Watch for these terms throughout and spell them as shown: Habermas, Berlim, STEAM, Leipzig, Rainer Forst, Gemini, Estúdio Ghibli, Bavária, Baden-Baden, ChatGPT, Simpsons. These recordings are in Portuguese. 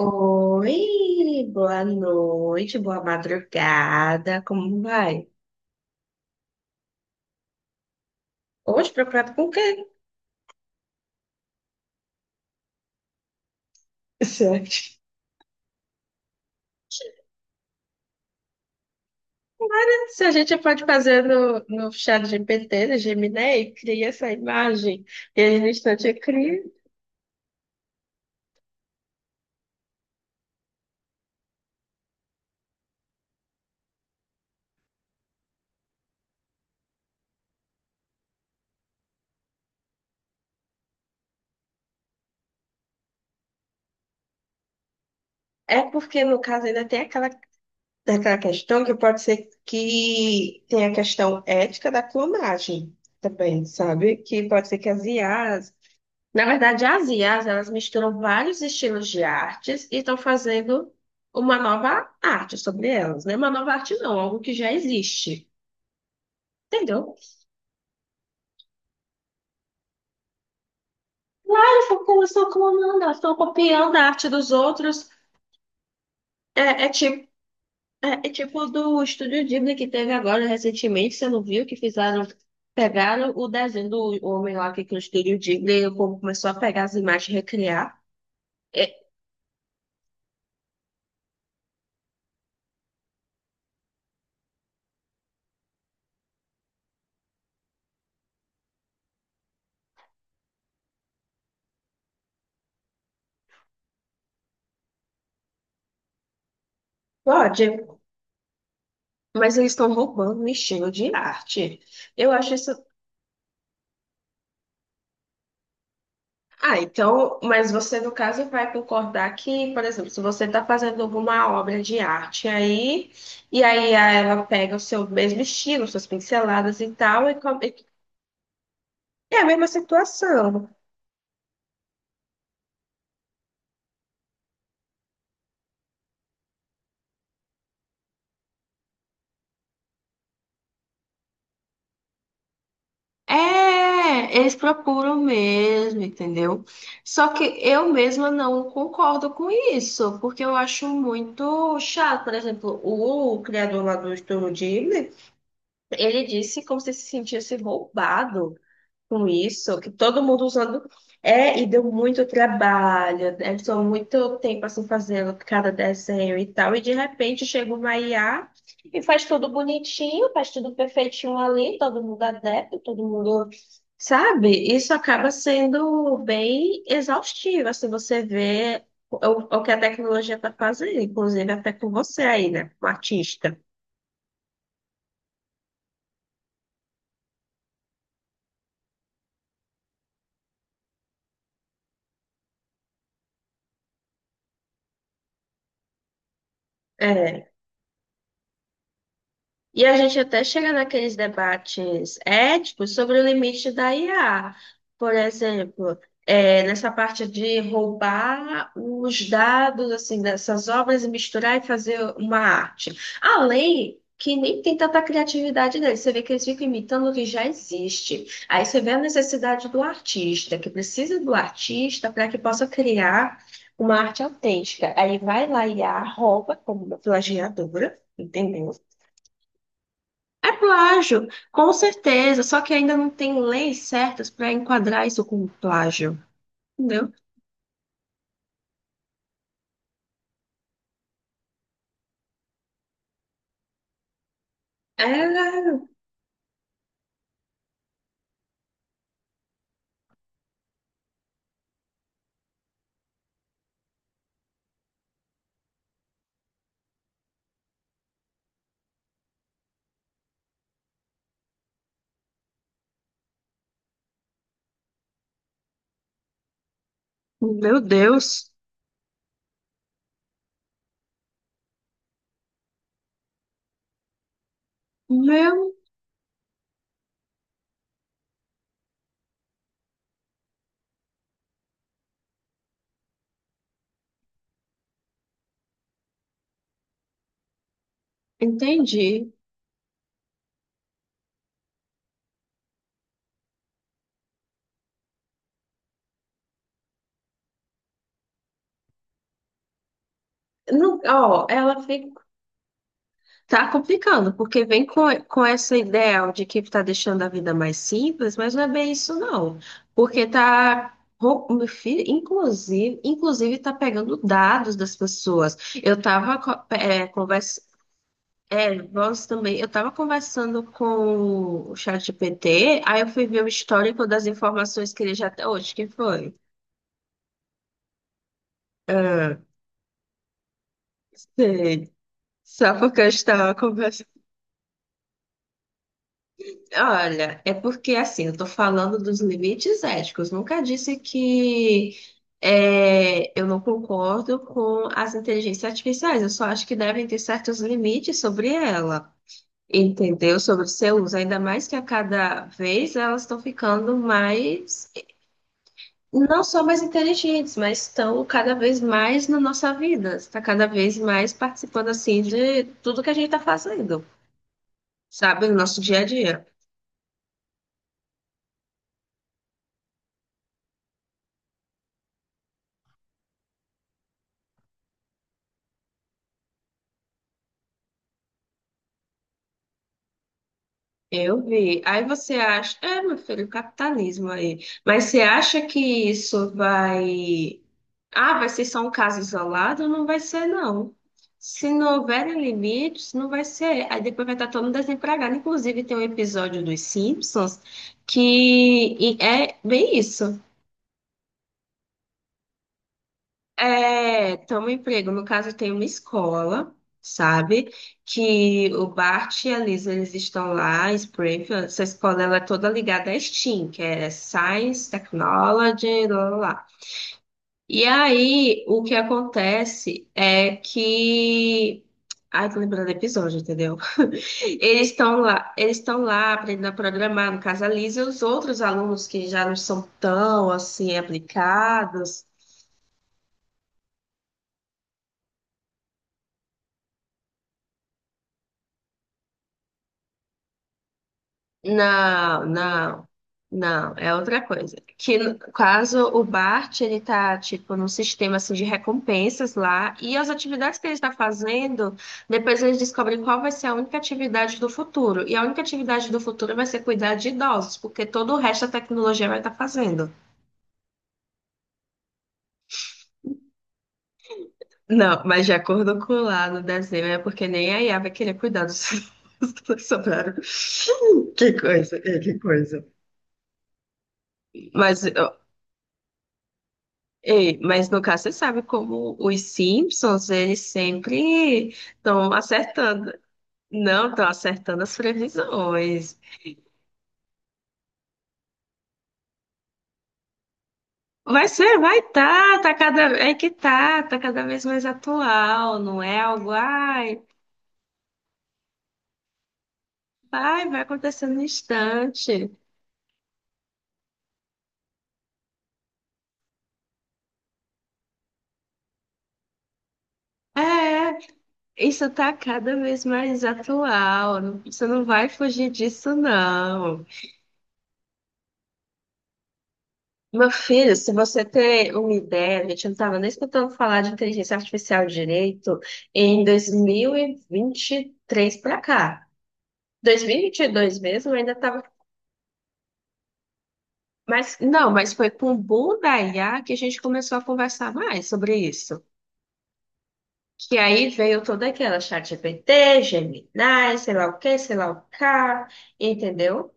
Oi, boa noite, boa madrugada, como vai? Hoje preocupado com o quê? Certo. Se a gente pode fazer no chat GPT, no Gemini, cria essa imagem e aí no instante cria. É porque, no caso, ainda tem aquela questão que pode ser que tem a questão ética da clonagem também, sabe? Que pode ser que as IAs. Na verdade, as IAs, elas misturam vários estilos de artes e estão fazendo uma nova arte sobre elas, né? Uma nova arte não, algo que já existe, entendeu? Elas estão clonando, elas estão copiando a arte dos outros. É, é tipo, é tipo do Estúdio Ghibli que teve agora recentemente, você não viu, que fizeram, pegaram o desenho do homem lá que criou o Estúdio Ghibli e o povo começou a pegar as imagens e recriar. É, pode, mas eles estão roubando o estilo de arte. Eu acho isso. Ah, então, mas você, no caso, vai concordar que, por exemplo, se você está fazendo alguma obra de arte aí, e aí ela pega o seu mesmo estilo, suas pinceladas e tal, e é a mesma situação. É, eles procuram mesmo, entendeu? Só que eu mesma não concordo com isso, porque eu acho muito chato. Por exemplo, o criador lá do Estúdio Ghibli, ele disse como se sentisse roubado com isso, que todo mundo usando. É, e deu muito trabalho, né? Estou muito tempo assim fazendo cada desenho e tal, e de repente chega uma IA e faz tudo bonitinho, faz tudo perfeitinho ali, todo mundo adepto, todo mundo. Sabe? Isso acaba sendo bem exaustivo, assim, você vê o, o que a tecnologia está fazendo, inclusive até com você aí, né? Com o artista. É. E a gente até chega naqueles debates éticos sobre o limite da IA. Por exemplo, é, nessa parte de roubar os dados assim dessas obras e misturar e fazer uma arte. A lei que nem tem tanta criatividade deles. Você vê que eles ficam imitando o que já existe. Aí você vê a necessidade do artista, que precisa do artista para que possa criar uma arte autêntica. Aí vai lá e a rouba como uma plagiadora, entendeu? É plágio, com certeza, só que ainda não tem leis certas para enquadrar isso como plágio, entendeu? É, meu Deus, meu, entendi. Não, ó, ela fica, tá complicando, porque vem com essa ideia de que tá deixando a vida mais simples, mas não é bem isso, não. Porque tá, meu filho, inclusive, inclusive tá pegando dados das pessoas. Eu tava co- é, É, voz também. Eu estava conversando com o ChatGPT, aí eu fui ver o histórico das informações que ele já tem hoje, que foi. Ah, sei. Só porque eu estava conversando. Olha, é porque assim, eu estou falando dos limites éticos. Nunca disse que eu não concordo com as inteligências artificiais. Eu só acho que devem ter certos limites sobre ela. Entendeu? Sobre o seu uso, ainda mais que a cada vez elas estão ficando mais, não só mais inteligentes, mas estão cada vez mais na nossa vida, está cada vez mais participando assim de tudo que a gente está fazendo, sabe, no nosso dia a dia. Eu vi. Aí você acha, é, meu filho, capitalismo aí. Mas você acha que isso vai, ah, vai ser só um caso isolado? Não vai ser, não. Se não houverem limites, não vai ser. Aí depois vai estar todo mundo desempregado. Inclusive, tem um episódio dos Simpsons que e é bem isso. É, toma um emprego. No caso, tem uma escola, sabe? Que o Bart e a Lisa, eles estão lá em Springfield. Essa escola, ela é toda ligada à STEAM, que é Science, Technology, lá, lá, lá. E aí, o que acontece é que... Ai, tô lembrando do episódio, entendeu? Eles estão lá aprendendo a programar, no caso a Lisa e os outros alunos que já não são tão, assim, aplicados. Não, não, não, é outra coisa. Que no caso o Bart ele tá tipo num sistema assim de recompensas lá e as atividades que ele está fazendo, depois eles descobrem qual vai ser a única atividade do futuro. E a única atividade do futuro vai ser cuidar de idosos, porque todo o resto da tecnologia vai estar fazendo. Não, mas de acordo com lá no desenho é porque nem a IA vai querer cuidar dos dos que sobraram. Que coisa, é, que coisa. Mas ei, mas no caso, você sabe como os Simpsons, eles sempre estão acertando. Não, estão acertando as previsões. Vai ser, vai tá, tá cada, é que tá, tá cada vez mais atual, não é algo, ai, vai acontecer no instante. É, isso tá cada vez mais atual, não, você não vai fugir disso, não. Meu filho, se você ter uma ideia, a gente não estava nem escutando falar de inteligência artificial direito em dois mil e vinte e três para cá. Dois mil e vinte e dois mesmo, ainda estava. Mas não, mas foi com o boom da IA que a gente começou a conversar mais sobre isso. Que aí veio toda aquela ChatGPT, Gemini, sei lá o que, sei lá o que, entendeu?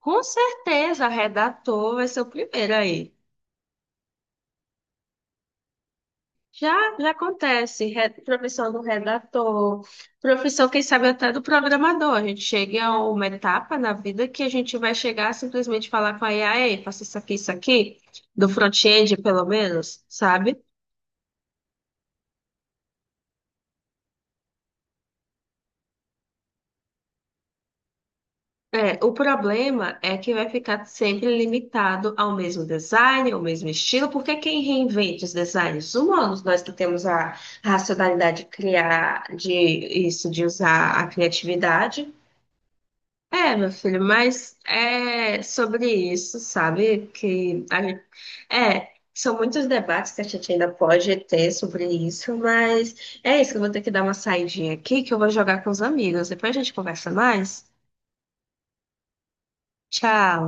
Com certeza, redator vai ser o primeiro aí. Já, já acontece, profissão do redator, profissão, quem sabe, até do programador. A gente chega a uma etapa na vida que a gente vai chegar a simplesmente falar com a IA, ei, faça isso aqui, do front-end, pelo menos, sabe? É, o problema é que vai ficar sempre limitado ao mesmo design, ao mesmo estilo, porque quem reinventa os designs humanos, nós que temos a racionalidade de criar, de isso, de usar a criatividade. É, meu filho, mas é sobre isso, sabe? É, são muitos debates que a gente ainda pode ter sobre isso, mas é isso, eu vou ter que dar uma saidinha aqui que eu vou jogar com os amigos. Depois a gente conversa mais. Tchau.